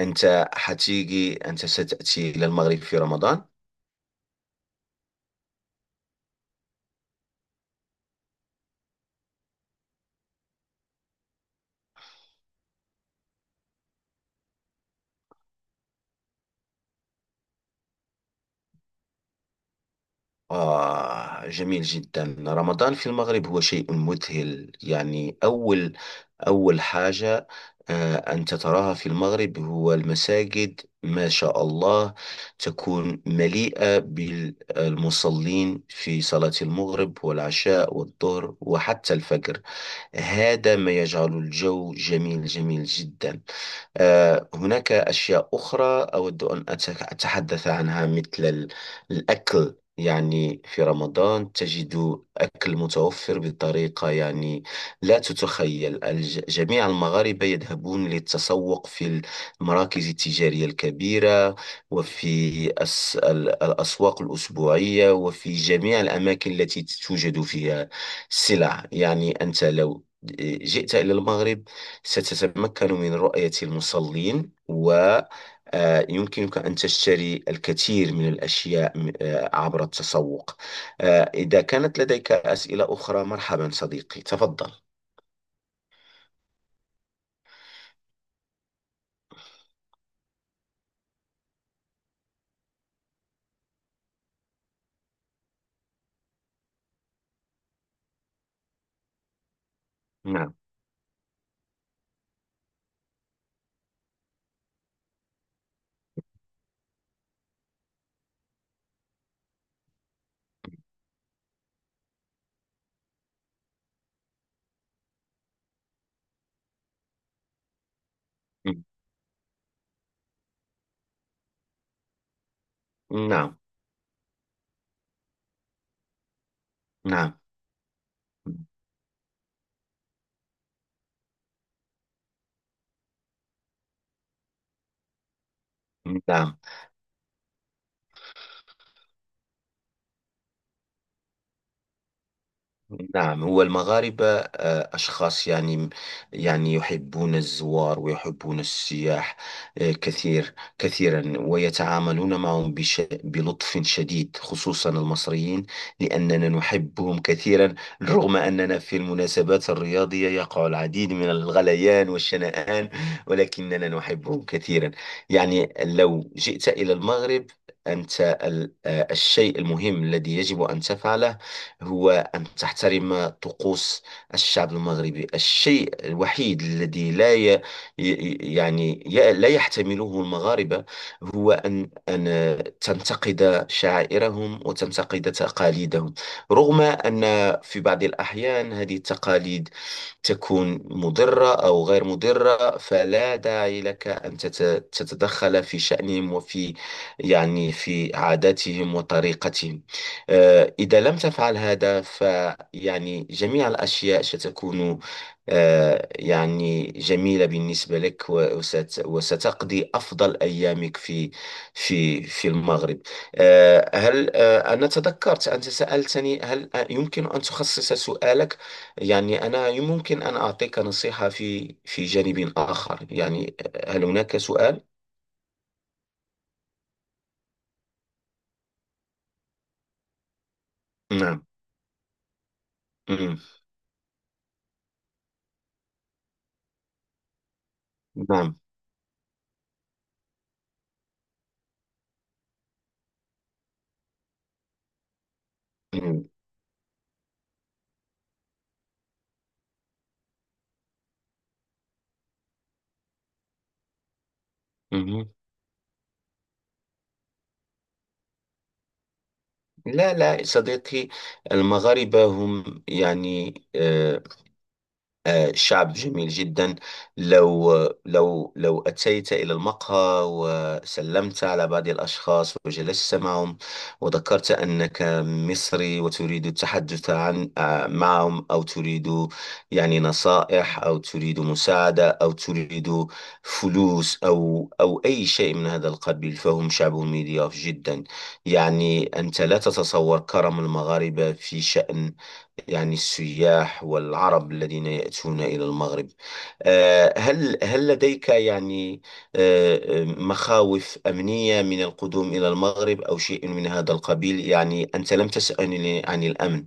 أنت ستأتي إلى المغرب في رمضان. جميل جدا. رمضان في المغرب هو شيء مذهل. يعني أول حاجة أنت تراها في المغرب هو المساجد، ما شاء الله، تكون مليئة بالمصلين في صلاة المغرب والعشاء والظهر وحتى الفجر. هذا ما يجعل الجو جميل جدا. هناك أشياء أخرى أود أن أتحدث عنها مثل الأكل. يعني في رمضان تجد أكل متوفر بطريقة، يعني لا تتخيل. جميع المغاربة يذهبون للتسوق في المراكز التجارية الكبيرة، وفي الأسواق الأسبوعية، وفي جميع الأماكن التي توجد فيها السلع. يعني أنت لو جئت إلى المغرب ستتمكن من رؤية المصلين، ويمكنك أن تشتري الكثير من الأشياء عبر التسوق. إذا كانت لديك أسئلة أخرى، مرحبا صديقي، تفضل. نعم. نعم. نعم. نعم. نعم، هو المغاربة أشخاص، يعني يعني يحبون الزوار ويحبون السياح كثيرا، ويتعاملون معهم بلطف شديد، خصوصا المصريين لأننا نحبهم كثيرا. رغم أننا في المناسبات الرياضية يقع العديد من الغليان والشنآن، ولكننا نحبهم كثيرا. يعني لو جئت إلى المغرب، أنت الشيء المهم الذي يجب أن تفعله هو أن تحترم طقوس الشعب المغربي. الشيء الوحيد الذي لا ي... ي- يعني ي... لا يحتمله المغاربة هو أن تنتقد شعائرهم وتنتقد تقاليدهم، رغم أن في بعض الأحيان هذه التقاليد تكون مضرة أو غير مضرة، فلا داعي لك أن تتدخل في شأنهم، وفي يعني في عاداتهم وطريقتهم. إذا لم تفعل هذا فيعني جميع الأشياء ستكون يعني جميلة بالنسبة لك، وستقضي أفضل أيامك في في المغرب. هل أنا تذكرت، أنت سألتني هل يمكن أن تخصص سؤالك. يعني أنا ممكن أن أعطيك نصيحة في في جانب آخر. يعني هل هناك سؤال؟ نعم. مم. نعم. مم. مم. لا لا صديقي، المغاربة هم يعني شعب جميل جدا. لو لو أتيت إلى المقهى وسلمت على بعض الأشخاص وجلست معهم وذكرت أنك مصري وتريد التحدث عن معهم، أو تريد يعني نصائح، أو تريد مساعدة، أو تريد فلوس، أو أي شيء من هذا القبيل، فهم شعب مضياف جدا. يعني أنت لا تتصور كرم المغاربة في شأن يعني السياح والعرب الذين يأتون إلى المغرب. هل لديك يعني مخاوف أمنية من القدوم إلى المغرب أو شيء من هذا القبيل؟ يعني أنت لم تسألني عن الأمن.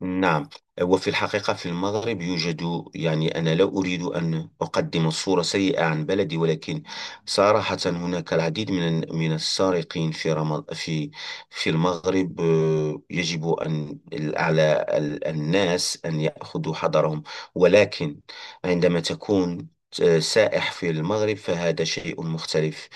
نعم، وفي الحقيقة في المغرب يوجد، يعني أنا لا أريد أن أقدم صورة سيئة عن بلدي، ولكن صراحة هناك العديد من السارقين في في في المغرب. يجب أن على الناس أن يأخذوا حذرهم. ولكن عندما تكون سائح في المغرب فهذا شيء مختلف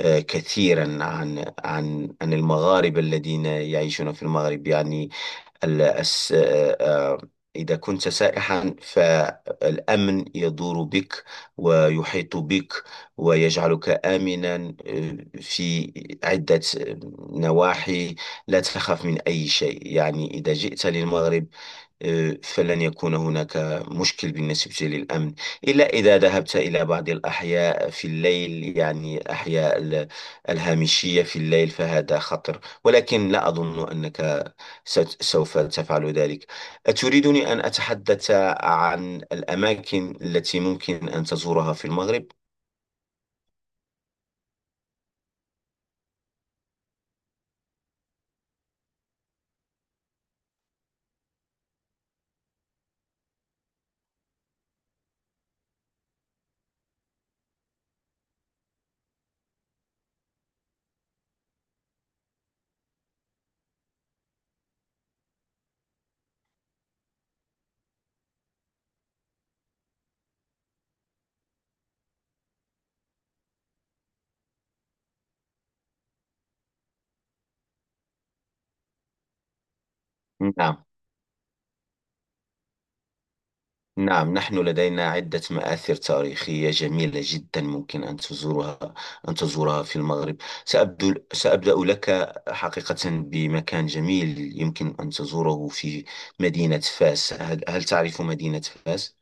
كثيرا عن عن المغاربة الذين يعيشون في المغرب. يعني ال- الس- آه، آه، إذا كنت سائحا فالأمن يدور بك ويحيط بك ويجعلك آمنا في عدة نواحي. لا تخاف من أي شيء. يعني إذا جئت للمغرب فلن يكون هناك مشكل بالنسبة للأمن، إلا إذا ذهبت إلى بعض الأحياء في الليل، يعني أحياء الهامشية في الليل، فهذا خطر، ولكن لا أظن أنك سوف تفعل ذلك. أتريدني أن أتحدث عن الأماكن التي ممكن أن تزورها في المغرب؟ نعم. نعم، نحن لدينا عدة مآثر تاريخية جميلة جدا ممكن أن تزورها، في المغرب. سأبدأ لك حقيقة بمكان جميل يمكن أن تزوره في مدينة فاس. هل تعرف مدينة فاس؟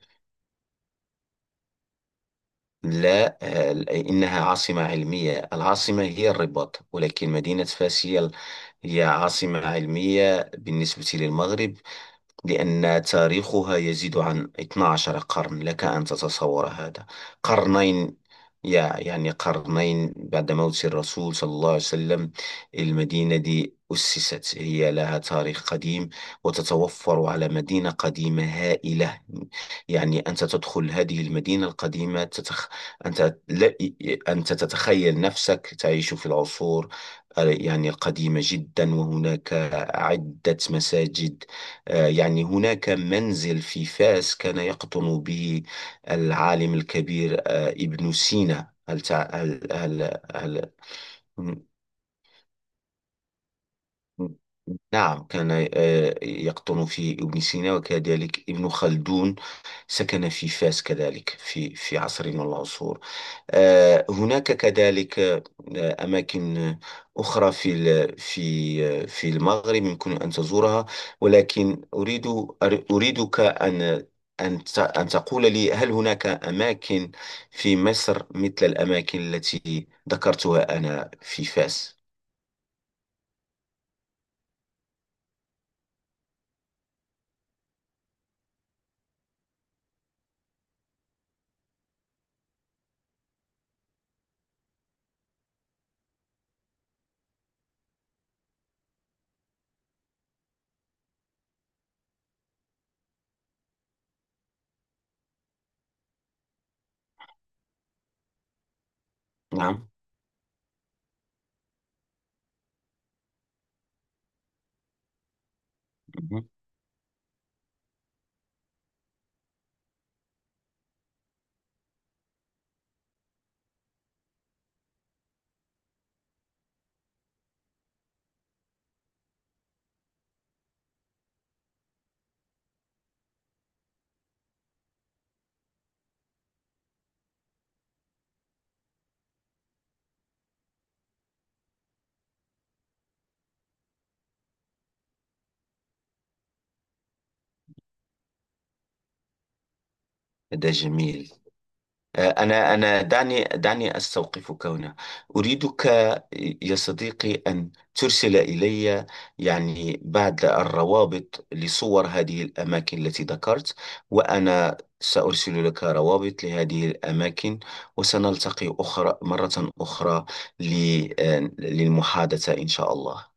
لا، إنها عاصمة علمية. العاصمة هي الرباط، ولكن مدينة فاس هي هي عاصمة علمية بالنسبة للمغرب، لأن تاريخها يزيد عن 12 قرن. لك أن تتصور هذا. قرنين، يعني قرنين بعد موت الرسول صلى الله عليه وسلم. المدينة دي أسست، هي لها تاريخ قديم، وتتوفر على مدينة قديمة هائلة. يعني أنت تدخل هذه المدينة القديمة تتخ... أنت لا... أنت تتخيل نفسك تعيش في العصور، يعني القديمة جدا. وهناك عدة مساجد. يعني هناك منزل في فاس كان يقطن به العالم الكبير ابن سينا. هل تع... هل... هل... هل... م- نعم، كان يقطن فيه ابن سينا، وكذلك ابن خلدون سكن في فاس كذلك في في عصر من العصور. هناك كذلك أماكن أخرى في في المغرب يمكن أن تزورها. ولكن أريد أريدك أن تقول لي هل هناك أماكن في مصر مثل الأماكن التي ذكرتها أنا في فاس؟ نعم. مهم. هذا جميل. أنا دعني أستوقفك هنا. أريدك يا صديقي أن ترسل إلي يعني بعض الروابط لصور هذه الأماكن التي ذكرت، وأنا سأرسل لك روابط لهذه الأماكن، وسنلتقي مرة أخرى ل- للمحادثة إن شاء الله.